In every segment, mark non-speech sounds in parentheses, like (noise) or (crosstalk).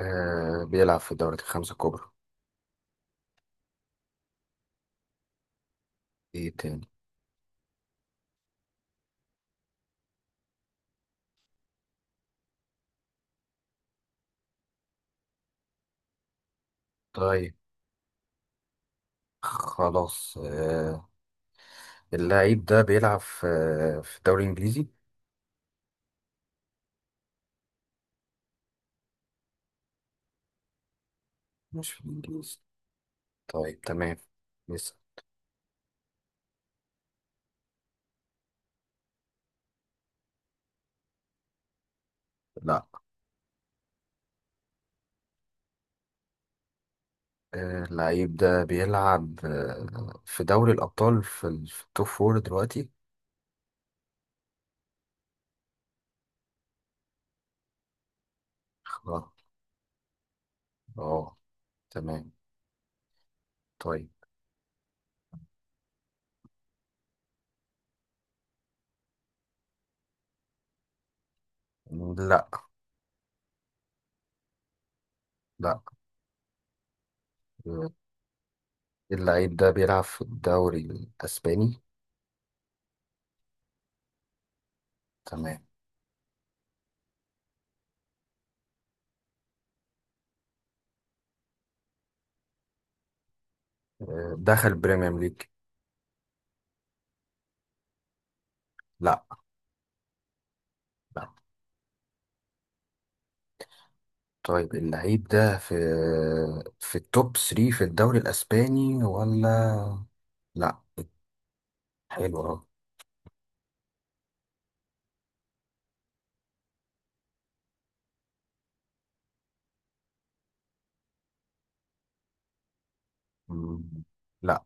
آه، بيلعب في الدوريات الخمسة الكبرى. ايه تاني؟ طيب، خلاص. اللاعب ده بيلعب في الدوري الإنجليزي. مش في الإنجليزي. طيب تمام. لسه. لا. اللاعب ده بيلعب في دوري الأبطال في التوب فور دلوقتي. اه، اه، تمام، طيب. لا، لا. آه، اللاعب ده بيلعب في الدوري الأسباني. تمام. آه دخل بريمير ليج. لا. لا. طيب اللعيب ده في التوب 3 في الدوري الاسباني ولا؟ لا. حلو اهو. مم، لا.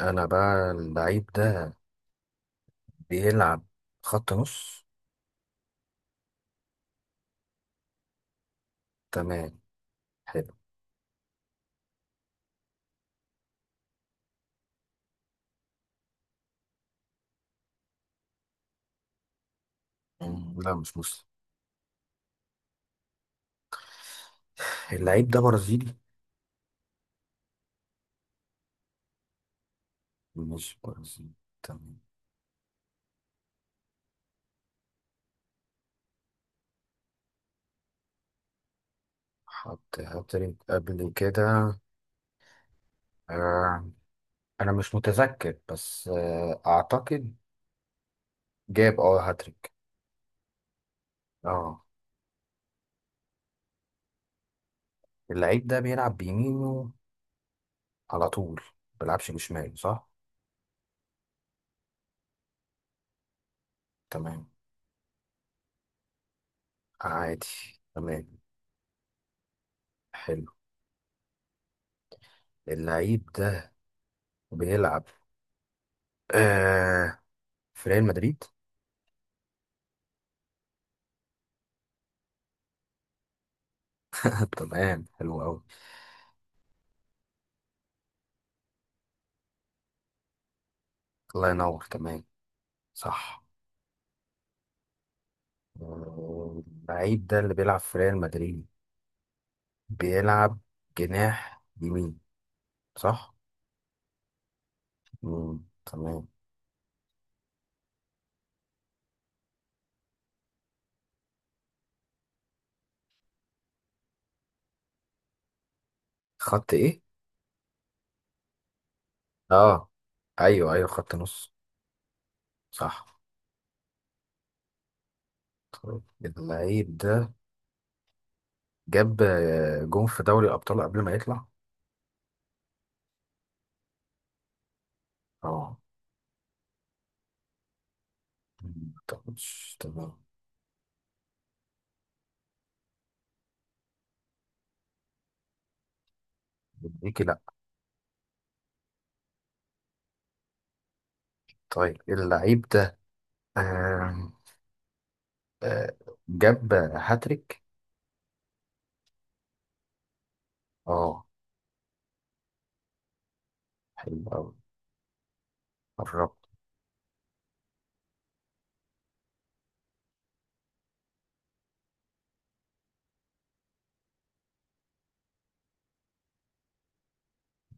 انا بقى اللعيب ده بيلعب خط نص. تمام، حلو. لا مش مسلم. اللعيب ده برازيلي. مش برازيلي. تمام. حط هاتريك قبل كده؟ آه. انا مش متذكر بس اعتقد جاب اه هاتريك. اه. اللعيب ده بيلعب بيمينه على طول، بلعبش بشمال، صح؟ تمام. عادي. تمام. حلو. اللعيب ده بيلعب آه في ريال مدريد. (laughs) تمام، حلو قوي. الله ينور. تمام صح. اللعيب ده اللي بيلعب في ريال مدريد بيلعب جناح يمين، صح؟ تمام. خط ايه؟ اه ايوه ايوه، خط نص. صح. طيب، اللعيب ده جاب جون في دوري الابطال قبل ما يطلع. اه. 18 تمام. بلجيكي؟ لا. طيب اللعيب ده آم، آه، جاب هاتريك. اه. حلو أوي، قربت.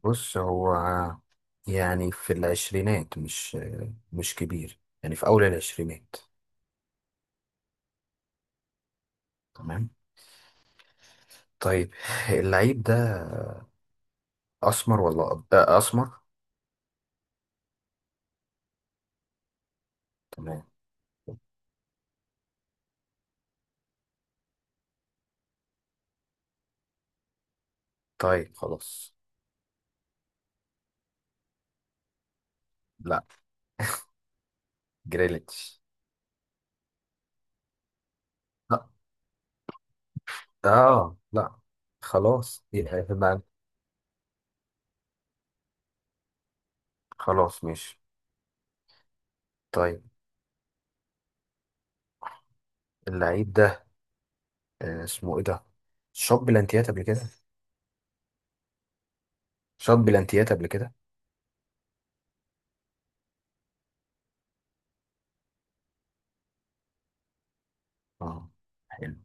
بص هو يعني في العشرينات، مش مش كبير يعني، في أول العشرينات. تمام. طيب اللعيب ده أسمر ولا أسمر. تمام. طيب خلاص. لا، جريليتش. لا. آه لا. خلاص يبقى. خلاص ماشي. طيب اللعيب ده اسمه ايه ده، شاط بلانتيات قبل كده. شاط بلانتيات قبل كده. اه. حلو.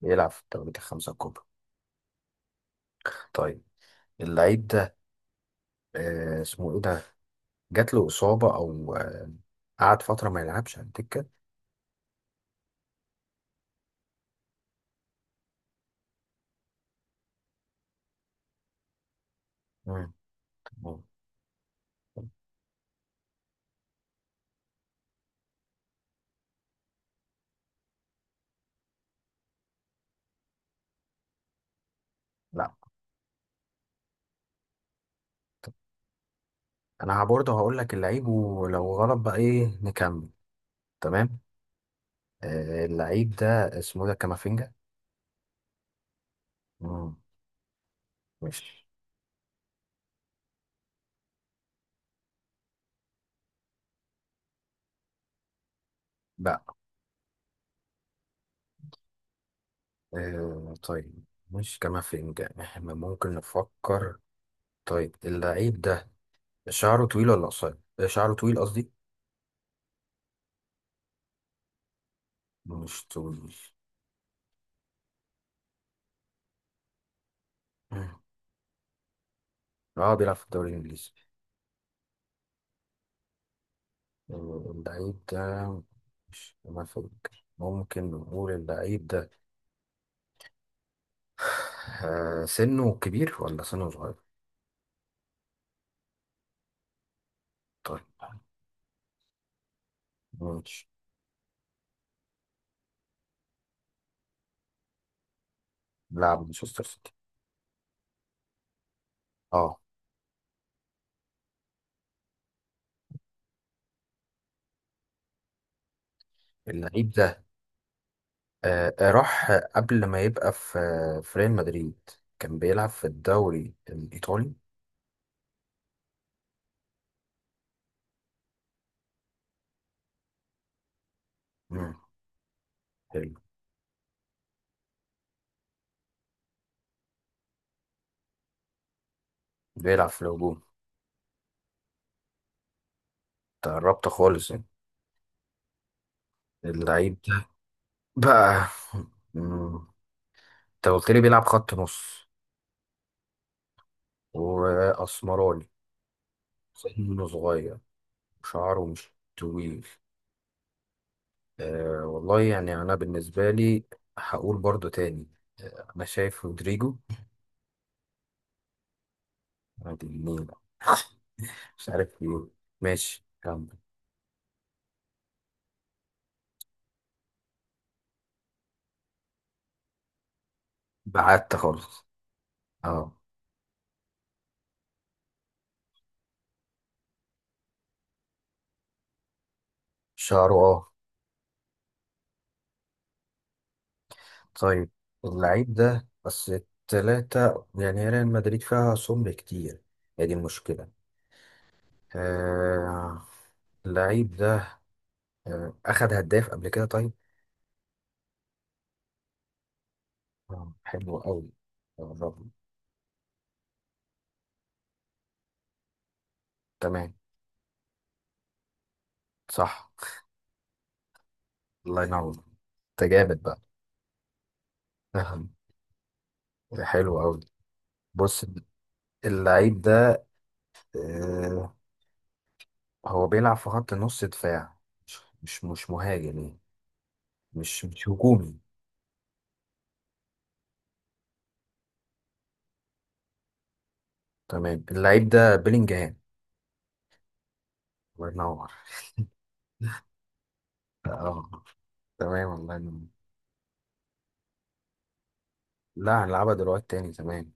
بيلعب في الدوريات الخمسة الكبرى. طيب اللعيب ده اسمه ايه ده، جات له إصابة او قعد فترة ما يلعبش على الدكة. مم، مم. لا. طب انا برضه هقول لك اللعيب ولو غلط بقى ايه نكمل. تمام. اللعيب ده اسمه إيه ده، كامافينجا. مم، مش. لا آه، طيب، مش كامافينجا، احنا ممكن نفكر. طيب اللعيب ده شعره طويل ولا قصير؟ شعره طويل قصدي. مش طويل. مم. اه بيلعب في الدوري الإنجليزي. اللعيب ده مش، ما فاكر، ممكن نقول اللعيب ده سنه كبير ولا سنه صغير؟ طيب ماشي. لاعب مانشستر سيتي. اه. اللعيب ده راح قبل ما يبقى في ريال مدريد كان بيلعب في الدوري الإيطالي. مم. حلو. بيلعب في الهجوم. تقربت خالص يعني. اللعيب بقى، مم، انت قلت لي بيلعب خط نص واسمراني، سنه صغير، شعره مش طويل. أه والله يعني انا بالنسبه لي هقول برضو تاني، انا شايف رودريجو. عادي، مين، مش عارف ايه. ماشي كمل. بعدت خالص. اه. شعره اه. طيب اللعيب ده بس التلاتة يعني، هي ريال مدريد فيها سمر كتير، هي دي المشكلة. آه، اللعيب ده أخد هداف قبل كده طيب؟ حلو أوي، قربنا. تمام. صح. الله ينور، أنت جامد بقى. آه. (laughs) حلو أوي. بص، اللعيب ده آه، هو بيلعب في خط نص دفاع، مش مهاجم يعني، مش هجومي. تمام، اللعيب ده بيلينجهام. الله ينور. اه، تمام، الله ينور. لا هنلعبها دلوقتي تاني. تمام.